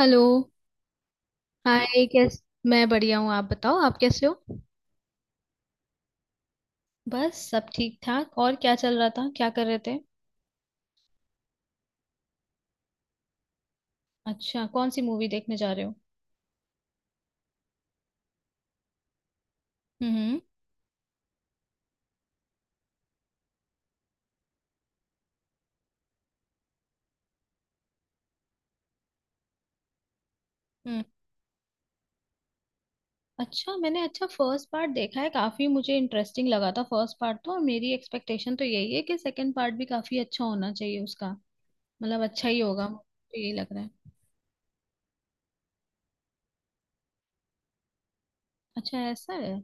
Hello. Hi कैस। मैं बढ़िया हूँ, आप बताओ, आप कैसे हो? बस सब ठीक ठाक। और क्या चल रहा था, क्या कर रहे थे? अच्छा, कौन सी मूवी देखने जा रहे हो? हम्म। हम्म। अच्छा। मैंने अच्छा फर्स्ट पार्ट देखा है, काफी मुझे इंटरेस्टिंग लगा था फर्स्ट पार्ट तो, और मेरी एक्सपेक्टेशन तो यही है कि सेकंड पार्ट भी काफी अच्छा होना चाहिए उसका। मतलब अच्छा ही होगा, मुझे यही लग रहा है। अच्छा, ऐसा है।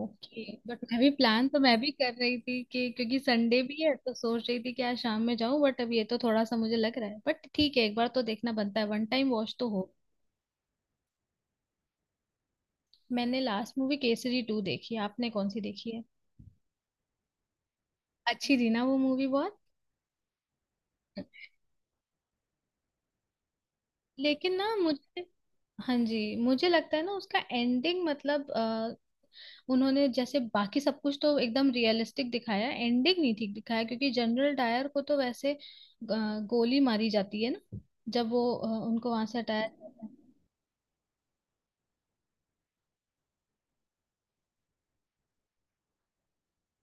ओके, बट मैं भी प्लान तो मैं भी कर रही थी कि क्योंकि संडे भी है, तो सोच रही थी कि आज शाम में जाऊं, बट अब ये तो थोड़ा सा मुझे लग रहा है, बट ठीक है, एक बार तो देखना बनता है, वन टाइम वॉच तो हो। मैंने लास्ट मूवी केसरी टू देखी है, आपने कौन सी देखी है? अच्छी थी ना वो मूवी बहुत। लेकिन ना मुझे, हाँ जी, मुझे लगता है ना उसका एंडिंग मतलब उन्होंने जैसे बाकी सब कुछ तो एकदम रियलिस्टिक दिखाया, एंडिंग नहीं ठीक दिखाया, क्योंकि जनरल डायर को तो वैसे गोली मारी जाती है ना, जब वो उनको वहां से हटाया जाता है।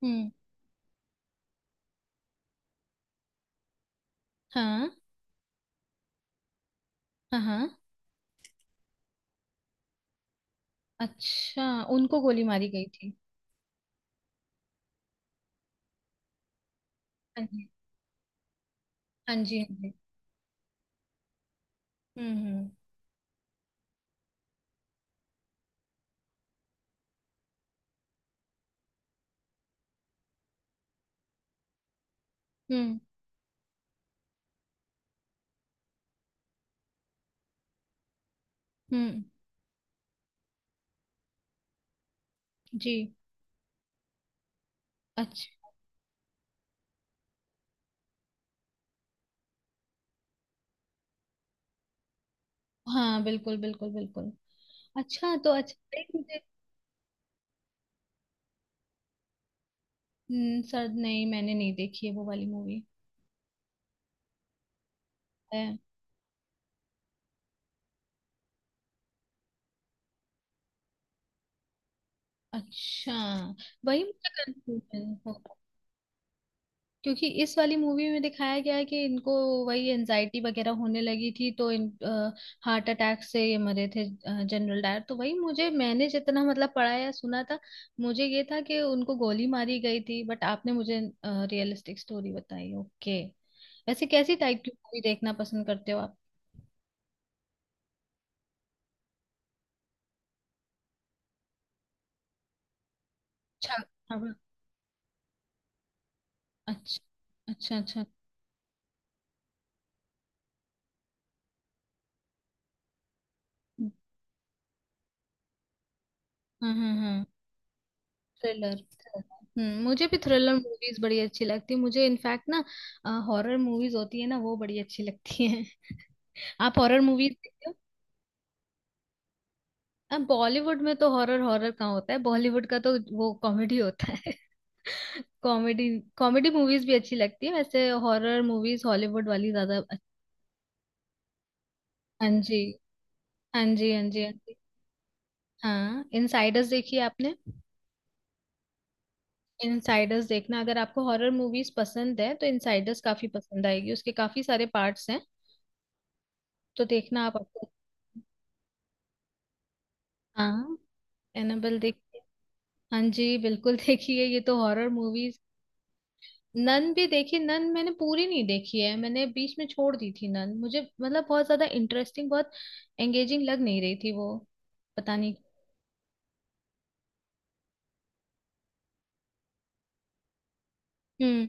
हम्म। हाँ। हाँ। हाँ। अच्छा। उनको गोली मारी गई थी। हाँ जी। हाँ जी, हाँ जी। हम्म। हम्म। हम्म। हम्म। जी। अच्छा। हाँ, बिल्कुल बिल्कुल बिल्कुल। अच्छा तो, अच्छा एक मुझे। सर, नहीं मैंने नहीं देखी है वो वाली मूवी। है। अच्छा। वही मुझे कंफ्यूजन हो, क्योंकि इस वाली मूवी में दिखाया गया है कि इनको वही एनजाइटी वगैरह होने लगी थी, तो इन हार्ट अटैक से ये मरे थे जनरल डायर। तो वही मुझे, मैंने जितना मतलब पढ़ा या सुना था, मुझे ये था कि उनको गोली मारी गई थी, बट आपने मुझे रियलिस्टिक स्टोरी बताई। ओके। वैसे कैसी टाइप की मूवी देखना पसंद करते हो आप? अच्छा। हाँ, हाँ। अच्छा। अच्छा। अच्छा। हाँ हाँ हाँ। थ्रिलर। हम्म, मुझे भी थ्रिलर मूवीज बड़ी अच्छी लगती है, मुझे इनफैक्ट ना हॉरर मूवीज होती है ना, वो बड़ी अच्छी लगती है। आप हॉरर मूवीज देखते हो? अब बॉलीवुड में तो हॉरर, हॉरर कहाँ होता है बॉलीवुड का, तो वो कॉमेडी होता है। कॉमेडी। कॉमेडी मूवीज भी अच्छी लगती है, वैसे हॉरर मूवीज हॉलीवुड वाली ज्यादा अच्छ-। हाँ जी। हाँ जी, हाँ जी, हाँ जी। हाँ, इनसाइडर्स देखी है आपने? इनसाइडर्स देखना, अगर आपको हॉरर मूवीज पसंद है तो इनसाइडर्स काफी पसंद आएगी, उसके काफी सारे पार्ट्स हैं। तो देखना आप आपको। हाँ। एनाबेल देखिए। हाँ जी, बिल्कुल। देखिए, ये तो हॉरर मूवीज। नन भी देखी। नन मैंने पूरी नहीं देखी है, मैंने बीच में छोड़ दी थी। नन मुझे मतलब बहुत ज्यादा इंटरेस्टिंग, बहुत एंगेजिंग लग नहीं रही थी वो। पता नहीं। हम्म।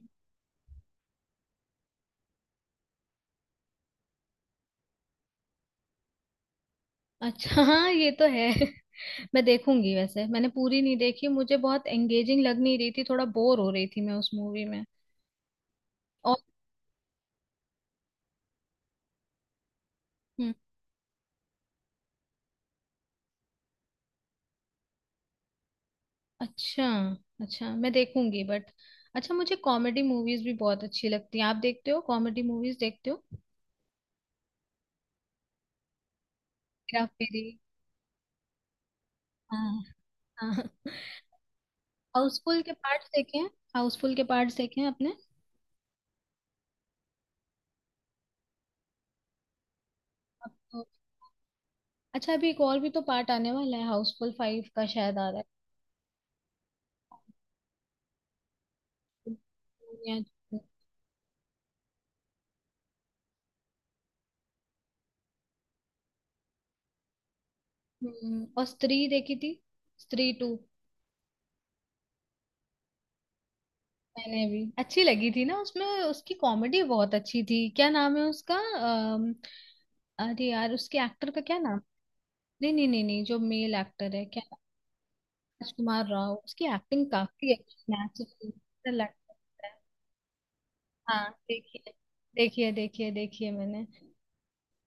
अच्छा। हाँ ये तो है। मैं देखूंगी, वैसे मैंने पूरी नहीं देखी, मुझे बहुत एंगेजिंग लग नहीं रही थी, थोड़ा बोर हो रही थी मैं उस मूवी में। और, अच्छा। अच्छा मैं देखूंगी बट। अच्छा, मुझे कॉमेडी मूवीज भी बहुत अच्छी लगती हैं, आप देखते हो कॉमेडी मूवीज देखते हो? हेरा फेरी। हाँ। हाँ। हाउसफुल के पार्ट्स देखे हैं? हाउसफुल के पार्ट्स देखे हैं आपने? अब तो, अच्छा अभी एक और भी तो पार्ट आने वाला है, हाउसफुल फाइव का शायद आ रहा है। या- और स्त्री देखी थी? स्त्री टू। मैंने भी, अच्छी लगी थी ना उसमें, उसकी कॉमेडी बहुत अच्छी थी। क्या नाम है उसका अरे यार, उसके एक्टर का क्या नाम? नहीं नहीं नहीं नहीं, जो मेल एक्टर है क्या? राजकुमार राव। उसकी एक्टिंग काफी अच्छी, नेचुरल लगता है। हाँ, देखिए, देखिए देखिए देखिए मैंने।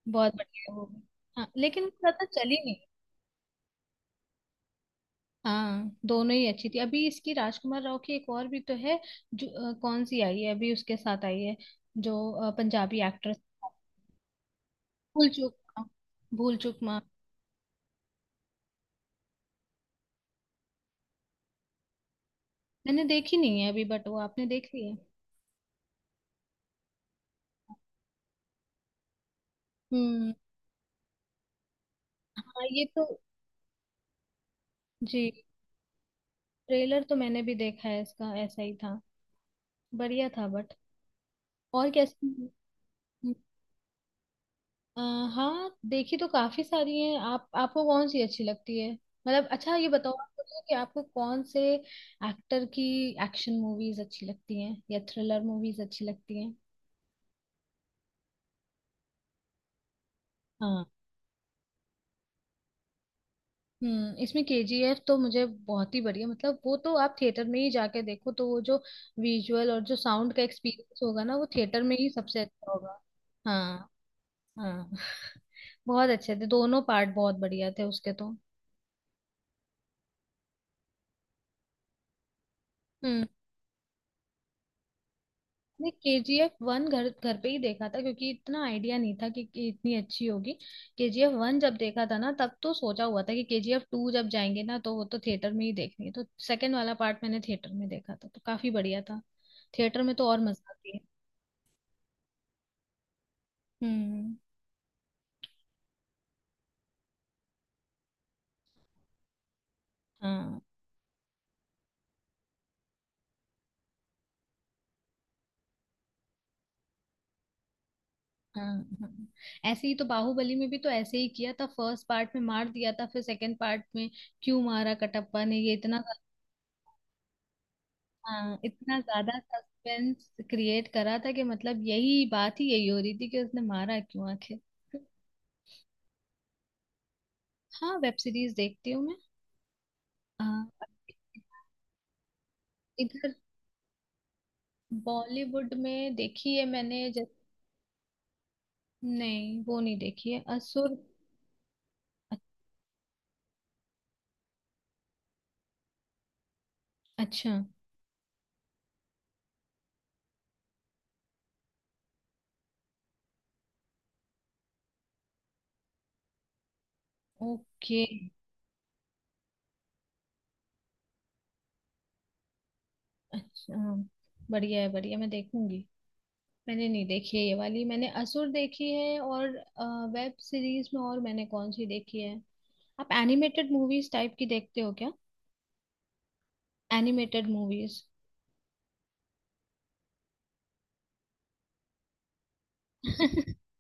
बहुत बढ़िया है वो भी। हाँ, लेकिन वो ज्यादा चली नहीं। हाँ, दोनों ही अच्छी थी। अभी इसकी राजकुमार राव की एक और भी तो है, जो कौन सी आई है अभी उसके साथ आई है, जो पंजाबी एक्ट्रेस। भूल चूक माफ, भूल चूक माफ। मैंने देखी नहीं है अभी, बट वो आपने देख ली है? हम्म। हाँ ये तो, जी। ट्रेलर तो मैंने भी देखा है इसका, ऐसा ही था। बढ़िया था बट। और कैसी, अ, हाँ देखी तो काफी सारी हैं। आप आपको कौन सी अच्छी लगती है? मतलब अच्छा ये बताओ आप मुझे, कि आपको कौन से एक्टर की एक्शन मूवीज अच्छी लगती हैं या थ्रिलर मूवीज अच्छी लगती हैं? हाँ। हम्म, इसमें केजीएफ तो मुझे बहुत ही बढ़िया, मतलब वो तो आप थिएटर में ही जाके देखो, तो वो जो विजुअल और जो साउंड का एक्सपीरियंस होगा ना, वो थिएटर में ही सबसे अच्छा होगा। हाँ। हाँ हाँ। बहुत अच्छे थे दोनों पार्ट, बहुत बढ़िया थे उसके तो। हम्म, मैंने KGF वन घर घर पे ही देखा था, क्योंकि इतना आइडिया नहीं था कि इतनी अच्छी होगी। KGF वन जब देखा था ना, तब तो सोचा हुआ था कि KGF टू जब जाएंगे ना, तो वो तो थिएटर में ही देखनी है, तो सेकंड वाला पार्ट मैंने थिएटर में देखा था, तो काफी बढ़िया था। थिएटर में तो और मजा आती है। हम्म। हाँ हाँ हाँ। ऐसे ही तो बाहुबली में भी तो ऐसे ही किया था, फर्स्ट पार्ट में मार दिया था, फिर सेकंड पार्ट में क्यों मारा कटप्पा ने, ये इतना। हाँ, इतना ज्यादा सस्पेंस क्रिएट करा था कि मतलब यही बात ही यही हो रही थी कि उसने मारा क्यों आखिर। हाँ। वेब सीरीज देखती हूँ मैं। हाँ, इधर बॉलीवुड में देखी है मैंने जैसे। नहीं, वो नहीं देखी है असुर। अच्छा। ओके। अच्छा। बढ़िया है, बढ़िया, मैं देखूंगी। मैंने नहीं देखी है ये वाली, मैंने असुर देखी है, और वेब सीरीज में और मैंने कौन सी देखी है। आप एनिमेटेड मूवीज टाइप की देखते हो? Animated movies.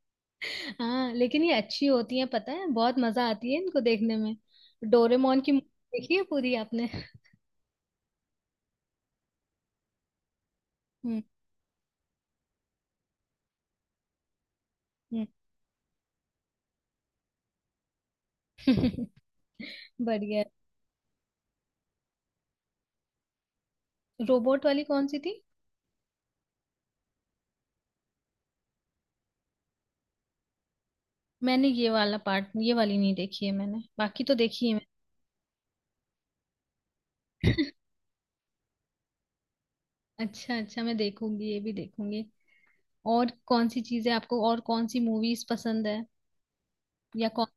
हाँ, लेकिन ये अच्छी होती है, पता है बहुत मजा आती है इनको देखने में। डोरेमोन की movie देखी है पूरी आपने? हम्म। हम्म। बढ़िया। रोबोट वाली कौन सी थी? मैंने ये वाला पार्ट, ये वाली नहीं देखी है मैंने, बाकी तो देखी है मैंने। अच्छा अच्छा, मैं देखूंगी, ये भी देखूंगी। और कौन सी चीजें आपको, और कौन सी मूवीज पसंद है, या कौन।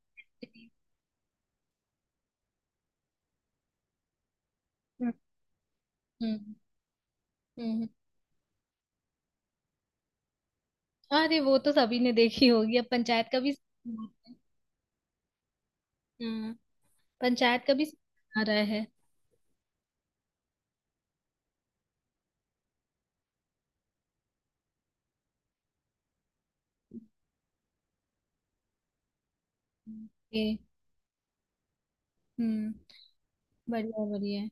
हम्म। हम्म। हम्म। हम्म। अरे वो तो सभी ने देखी होगी अब, पंचायत का भी। हम्म। पंचायत का भी समझ आ रहा है। ओके। हम्म। बढ़िया बढ़िया।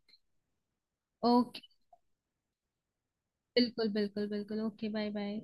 ओके। बिल्कुल बिल्कुल बिल्कुल, ओके, बाय बाय।